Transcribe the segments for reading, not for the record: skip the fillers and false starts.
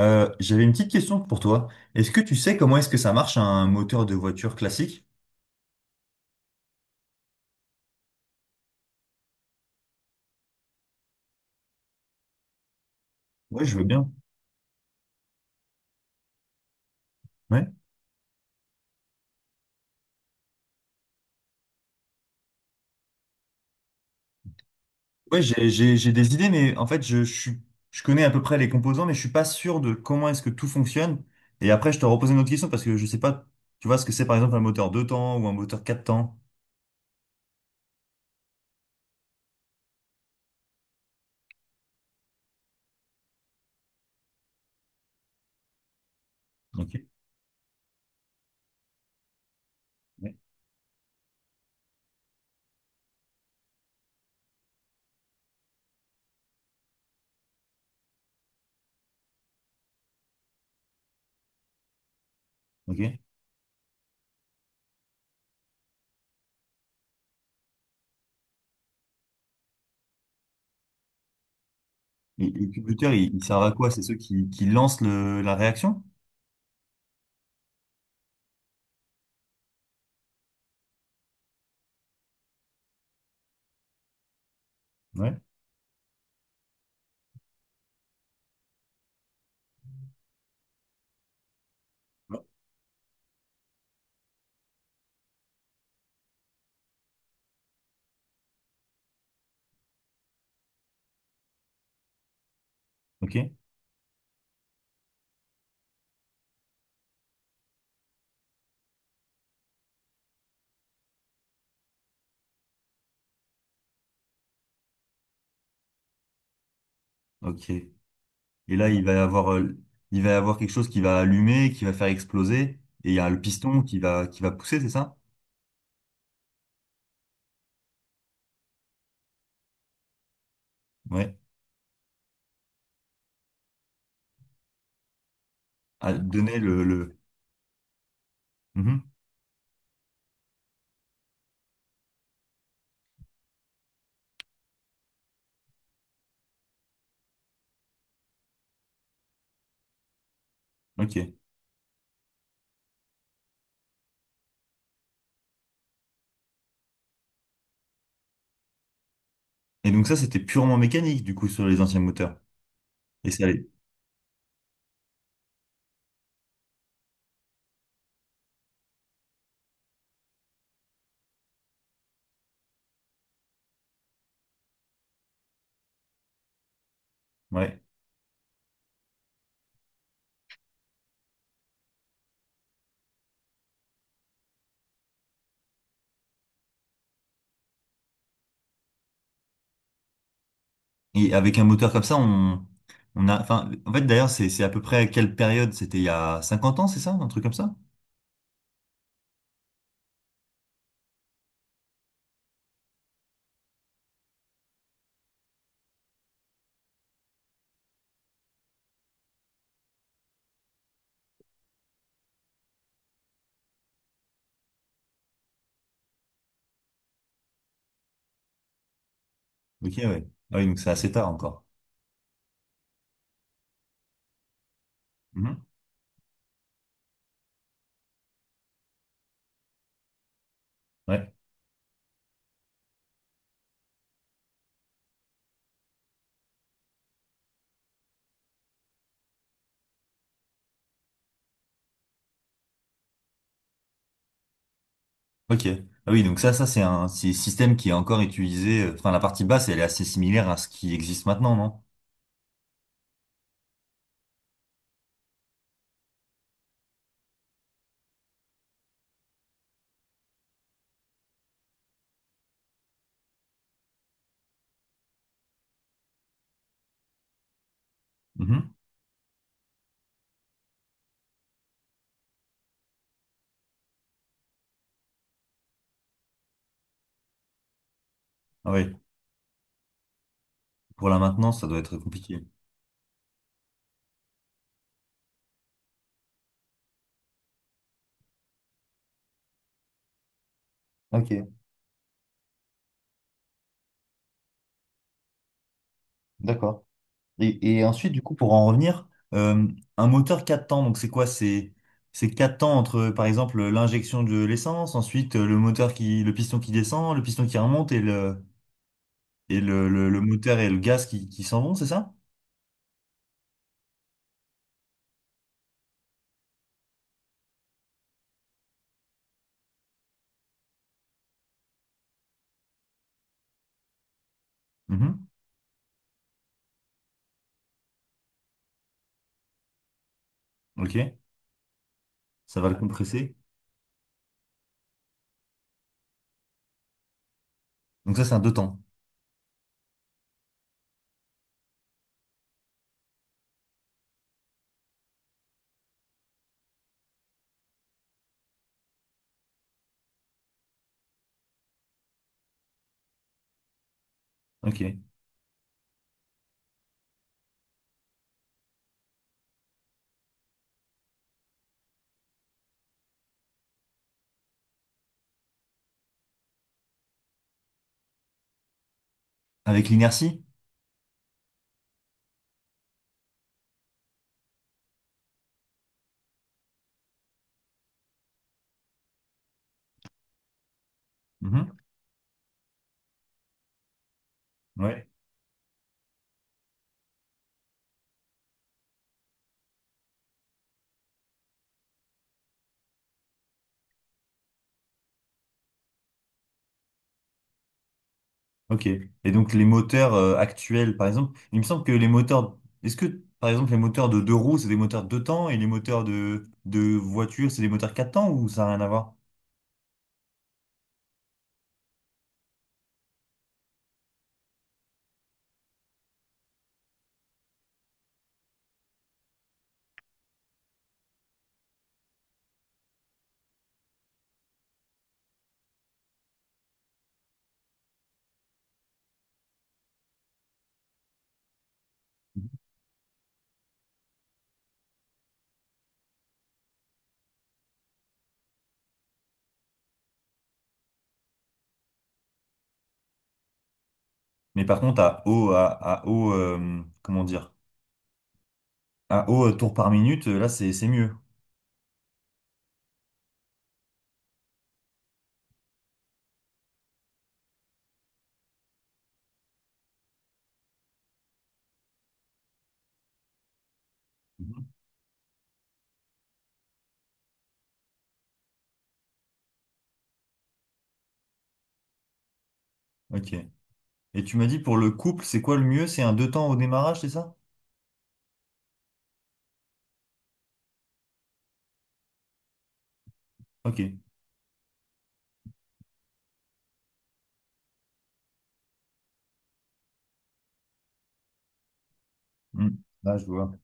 J'avais une petite question pour toi. Est-ce que tu sais comment est-ce que ça marche un moteur de voiture classique? Ouais, je veux bien. Ouais. Ouais, j'ai des idées, mais en fait, je connais à peu près les composants, mais je suis pas sûr de comment est-ce que tout fonctionne. Et après, je te repose une autre question parce que je sais pas, tu vois ce que c'est par exemple un moteur deux temps ou un moteur quatre temps. Ok. Ouais. Ok. Et le moteur, il sert à quoi? C'est ceux qui lancent la réaction? Ouais. Ouais. Ok. Ok. Et là, il va y avoir, il va y avoir quelque chose qui va allumer, qui va faire exploser. Et il y a le piston qui va pousser, c'est ça? Ouais. À donner le. Mhm. Ok. Et donc ça, c'était purement mécanique, du coup, sur les anciens moteurs. Et ça allait. Ouais. Et avec un moteur comme ça, on a, enfin, en fait, d'ailleurs, c'est à peu près à quelle période? C'était il y a 50 ans, c'est ça? Un truc comme ça? Ok, ouais. Ah oui, donc c'est assez tard encore. Mhm. Ouais. Ok. Ah oui, donc ça c'est un c'est système qui est encore utilisé. Enfin, la partie basse, elle est assez similaire à ce qui existe maintenant, non? Mhm. Ah oui. Pour la maintenance, ça doit être compliqué. Ok, d'accord. Et ensuite, du coup, pour en revenir, euh, un moteur 4 temps, donc c'est quoi? C'est 4 temps entre, par exemple, l'injection de l'essence, ensuite le moteur qui, le piston qui descend, le piston qui remonte et le moteur et le gaz qui s'en vont, c'est ça? Mhm. Ok, ça va le compresser. Donc ça, c'est un deux temps. Ok. Avec l'inertie? Mhm. Ouais. Ok. Et donc les moteurs actuels, par exemple, il me semble que les moteurs, est-ce que par exemple les moteurs de deux roues, c'est des moteurs deux temps et les moteurs de voiture, c'est des moteurs quatre temps ou ça n'a rien à voir? Mais par contre, à haut, comment dire, à haut tour par minute, là c'est mieux. Mhm. Ok. Et tu m'as dit pour le couple, c'est quoi le mieux? C'est un deux temps au démarrage, c'est ça? Ok. Hmm. Là, je vois.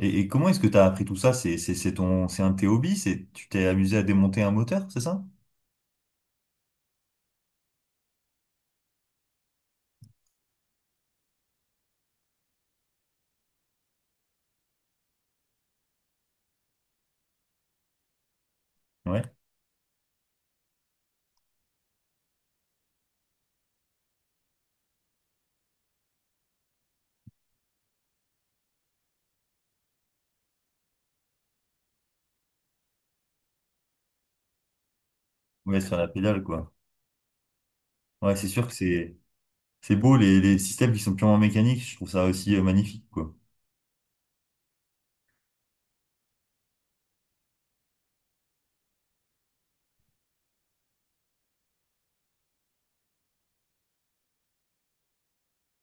Et comment est-ce que tu as appris tout ça? C'est ton, c'est un de tes hobbies? C'est, tu t'es amusé à démonter un moteur, c'est ça? Ouais. Ouais, sur la pédale, quoi. Ouais, c'est sûr que c'est beau les systèmes qui sont purement mécaniques, je trouve ça aussi magnifique quoi.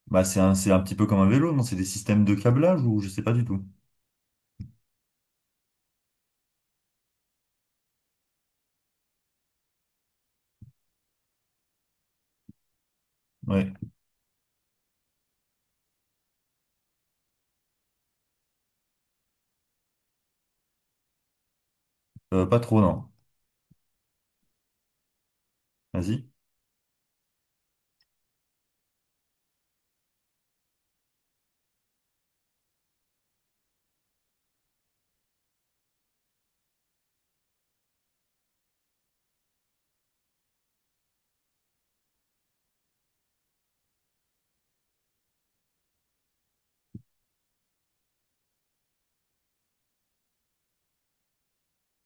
Bah c'est un petit peu comme un vélo, non? C'est des systèmes de câblage ou je sais pas du tout. Ouais, pas trop non. Vas-y.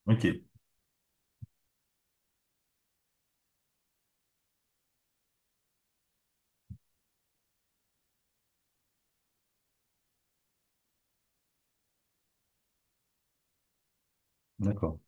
Ok, d'accord.